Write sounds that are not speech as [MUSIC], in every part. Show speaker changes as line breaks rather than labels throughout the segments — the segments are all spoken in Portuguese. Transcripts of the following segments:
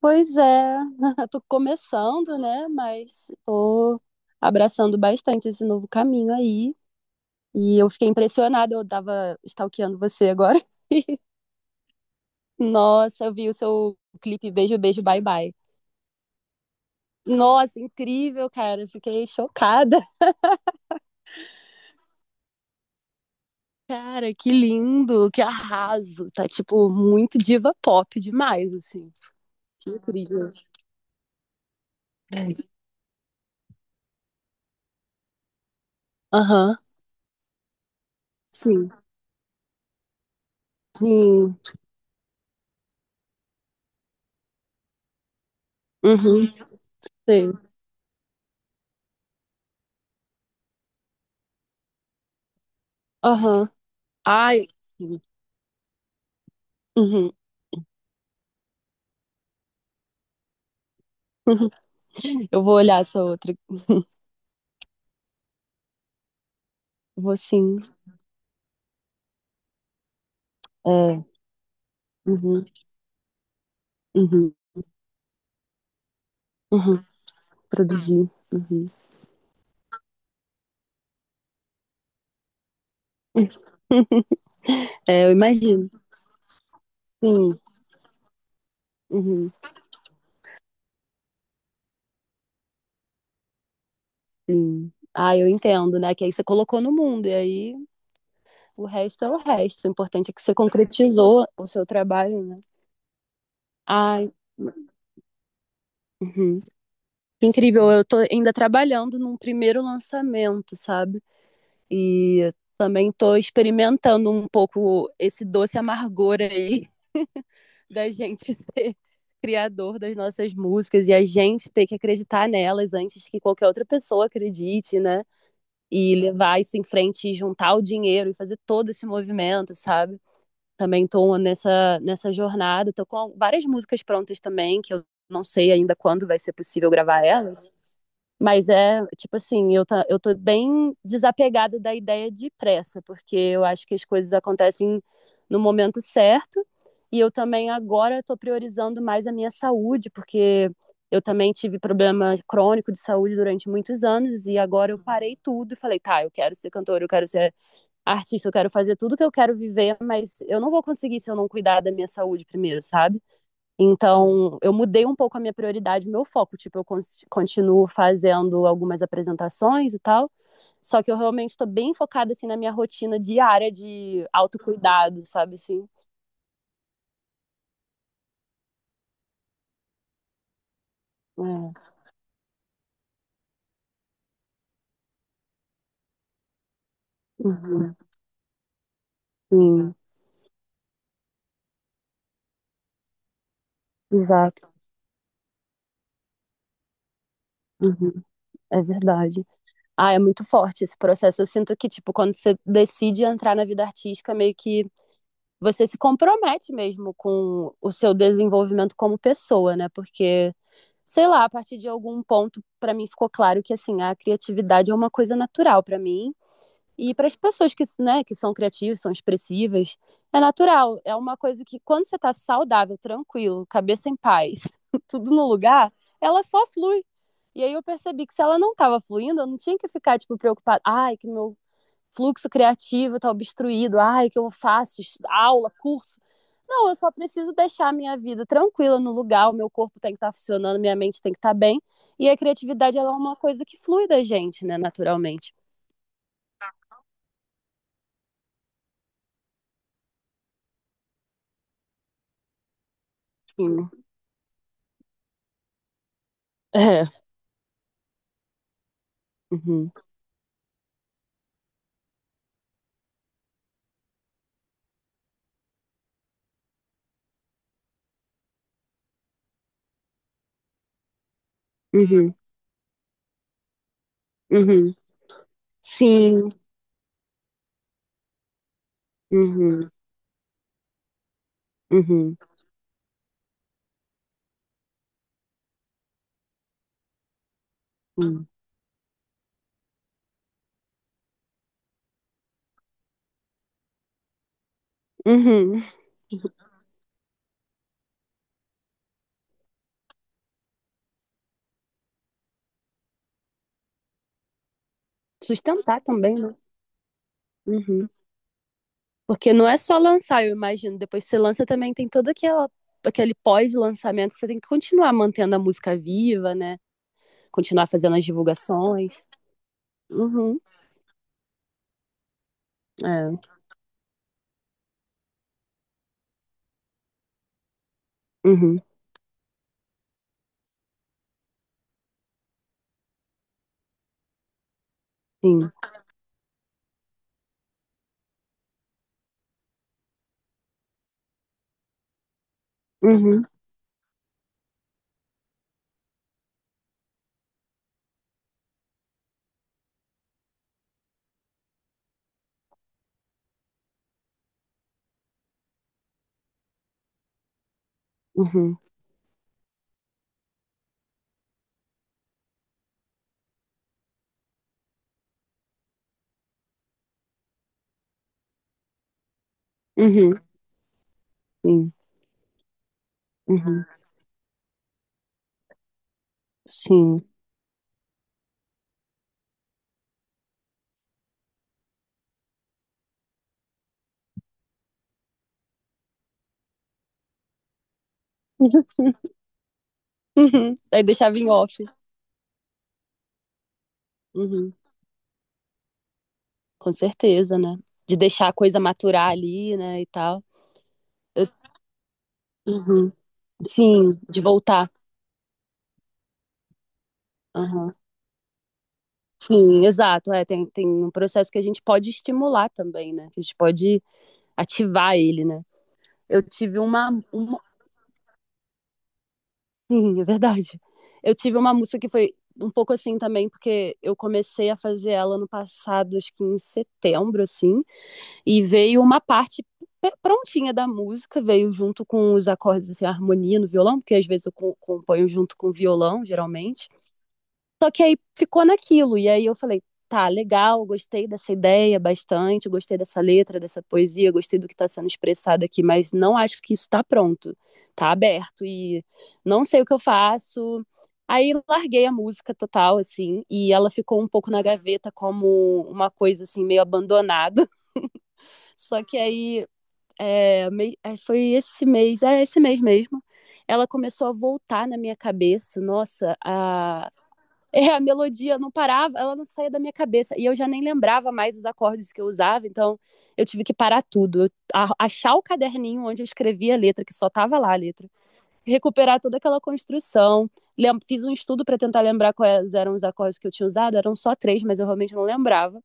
Pois é, [LAUGHS] tô começando, né? Mas tô abraçando bastante esse novo caminho aí. E eu fiquei impressionada, eu tava stalkeando você agora. [LAUGHS] Nossa, eu vi o seu clipe Beijo, Beijo, Bye Bye. Nossa, incrível, cara. Fiquei chocada. Cara, que lindo, que arraso. Tá, tipo, muito diva pop demais, assim. Que incrível. Aham, sim, sim. Uhum, sim. Aham. Ai, sim. Uhum. Eu vou olhar essa outra. Vou sim. É. Uhum. Uhum. Uhum. Produzir. Uhum. É, eu imagino. Sim. Uhum. Sim. Ah, eu entendo, né? Que aí você colocou no mundo, e aí o resto é o resto. O importante é que você concretizou o seu trabalho, né? Ai, uhum. Que incrível, eu tô ainda trabalhando num primeiro lançamento, sabe? E também tô experimentando um pouco esse doce amargor aí da gente [LAUGHS] ser criador das nossas músicas e a gente ter que acreditar nelas antes que qualquer outra pessoa acredite, né? E levar isso em frente e juntar o dinheiro e fazer todo esse movimento, sabe? Também tô nessa jornada, tô com várias músicas prontas também, que eu não sei ainda quando vai ser possível gravar elas. Mas é, tipo assim, tá, eu tô bem desapegada da ideia de pressa, porque eu acho que as coisas acontecem no momento certo. E eu também agora estou priorizando mais a minha saúde, porque eu também tive problema crônico de saúde durante muitos anos e agora eu parei tudo e falei, tá, eu quero ser cantora, eu quero ser artista, eu quero fazer tudo que eu quero viver, mas eu não vou conseguir se eu não cuidar da minha saúde primeiro, sabe? Então, eu mudei um pouco a minha prioridade, o meu foco. Tipo, eu continuo fazendo algumas apresentações e tal, só que eu realmente estou bem focada, assim, na minha rotina diária de autocuidado, sabe, assim? É. Uhum. Sim, exato. Uhum. É verdade. Ah, é muito forte esse processo. Eu sinto que, tipo, quando você decide entrar na vida artística, meio que você se compromete mesmo com o seu desenvolvimento como pessoa, né? Porque, sei lá, a partir de algum ponto, para mim ficou claro que assim, a criatividade é uma coisa natural para mim e para as pessoas que, né, que são criativas, são expressivas, é natural, é uma coisa que quando você está saudável, tranquilo, cabeça em paz, [LAUGHS] tudo no lugar, ela só flui. E aí eu percebi que se ela não estava fluindo, eu não tinha que ficar tipo preocupada, ai, que meu fluxo criativo está obstruído, ai, que eu faço aula, curso. Não, eu só preciso deixar a minha vida tranquila no lugar, o meu corpo tem que estar tá funcionando, minha mente tem que estar tá bem. E a criatividade ela é uma coisa que flui da gente, né, naturalmente. Sim. É. Uhum. Uhum. Uhum. Sim. Uhum. Uhum. Uhum. Uhum. Sustentar também, né? Uhum. Porque não é só lançar, eu imagino. Depois que você lança também tem toda aquela aquele pós-lançamento, que você tem que continuar mantendo a música viva, né? Continuar fazendo as divulgações. Uhum. É. Uhum. Sim. Uhum. Uhum. Uhum. Sim. Uhum. Sim. Uhum. Aí deixava em off. Uhum. Com certeza, né? De deixar a coisa maturar ali, né? E tal. Eu- Uhum. Sim, de voltar. Aham. Sim, exato. É, tem um processo que a gente pode estimular também, né? Que a gente pode ativar ele, né? Eu tive uma Sim, é verdade. Eu tive uma música que foi um pouco assim também, porque eu comecei a fazer ela no passado, acho que em setembro, assim, e veio uma parte prontinha da música, veio junto com os acordes, assim, a harmonia no violão, porque às vezes eu componho junto com o violão, geralmente. Só que aí ficou naquilo. E aí eu falei, tá, legal, gostei dessa ideia bastante, gostei dessa letra, dessa poesia, gostei do que está sendo expressado aqui, mas não acho que isso está pronto. Tá aberto e não sei o que eu faço. Aí larguei a música total, assim, e ela ficou um pouco na gaveta como uma coisa, assim, meio abandonada. [LAUGHS] Só que aí foi esse mês, é esse mês mesmo, ela começou a voltar na minha cabeça, nossa, a melodia não parava, ela não saía da minha cabeça. E eu já nem lembrava mais os acordes que eu usava, então eu tive que parar tudo. Achar o caderninho onde eu escrevia a letra, que só tava lá a letra. Recuperar toda aquela construção. Fiz um estudo para tentar lembrar quais eram os acordes que eu tinha usado, eram só três, mas eu realmente não lembrava.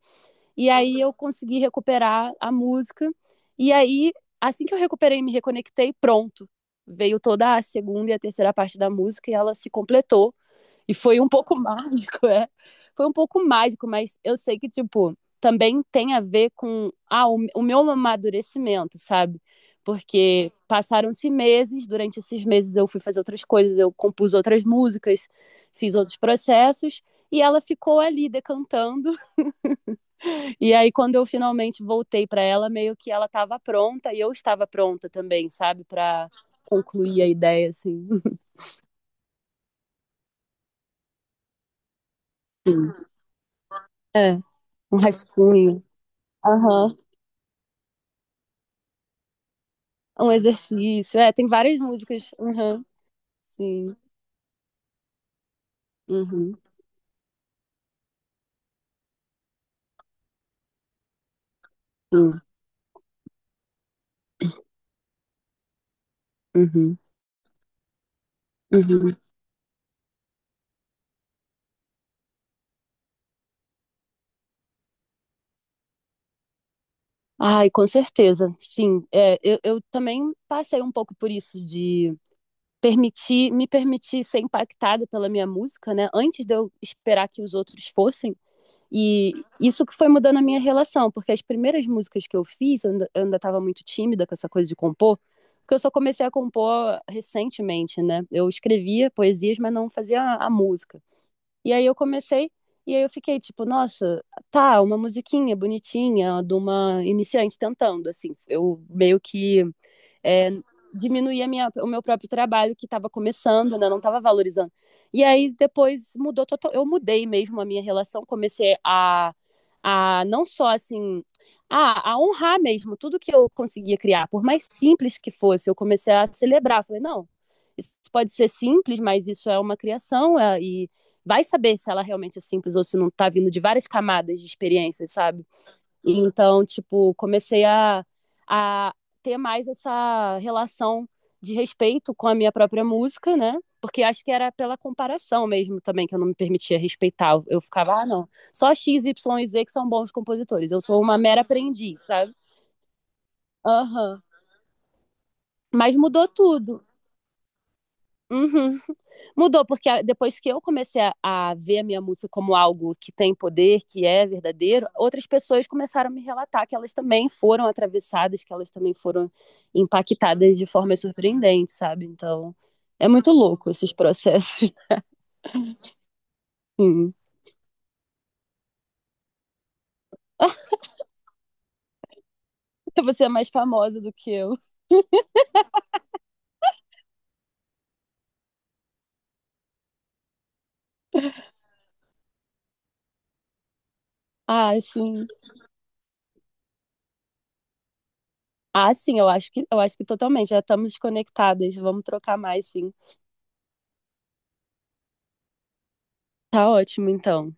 E aí eu consegui recuperar a música. E aí, assim que eu recuperei e me reconectei, pronto. Veio toda a segunda e a terceira parte da música e ela se completou e foi um pouco [LAUGHS] mágico, é. Foi um pouco mágico, mas eu sei que, tipo, também tem a ver com o meu amadurecimento, sabe? Porque passaram-se meses, durante esses meses eu fui fazer outras coisas, eu compus outras músicas, fiz outros processos, e ela ficou ali decantando. [LAUGHS] E aí, quando eu finalmente voltei para ela, meio que ela estava pronta e eu estava pronta também, sabe? Para concluir a ideia, assim. Enfim, é, um rascunho. Aham. Um exercício. É, tem várias músicas. Aham. Sim. Uhum. Sim. Uhum. Uhum. Ai, com certeza. Sim. É, eu também passei um pouco por isso de permitir, me permitir ser impactada pela minha música, né? Antes de eu esperar que os outros fossem. E isso que foi mudando a minha relação, porque as primeiras músicas que eu fiz, eu ainda estava muito tímida com essa coisa de compor, porque eu só comecei a compor recentemente, né? Eu escrevia poesias, mas não fazia a música. E aí eu comecei, e aí eu fiquei tipo, nossa, tá, uma musiquinha bonitinha de uma iniciante tentando, assim. Eu meio que é, diminuir a minha, o meu próprio trabalho que estava começando, né? Não estava valorizando. E aí depois mudou total. Eu mudei mesmo a minha relação, comecei a não só assim a honrar mesmo tudo que eu conseguia criar, por mais simples que fosse, eu comecei a celebrar. Falei, não, isso pode ser simples, mas isso é uma criação e vai saber se ela realmente é simples ou se não está vindo de várias camadas de experiências, sabe? Então, tipo, comecei a ter mais essa relação de respeito com a minha própria música, né? Porque acho que era pela comparação mesmo também que eu não me permitia respeitar. Eu ficava, ah, não, só X, Y e Z que são bons compositores. Eu sou uma mera aprendiz, sabe? Aham. Mas mudou tudo. Uhum. Mudou, porque depois que eu comecei a ver a minha música como algo que tem poder, que é verdadeiro, outras pessoas começaram a me relatar que elas também foram atravessadas, que elas também foram impactadas de forma surpreendente, sabe? Então, é muito louco esses processos. [LAUGHS] Sim. [LAUGHS] Você é mais famosa do que eu. Ah, sim. Ah, sim, eu acho que totalmente. Já estamos conectadas. Vamos trocar mais, sim. Tá ótimo, então.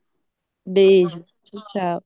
Beijo. Tchau, tchau.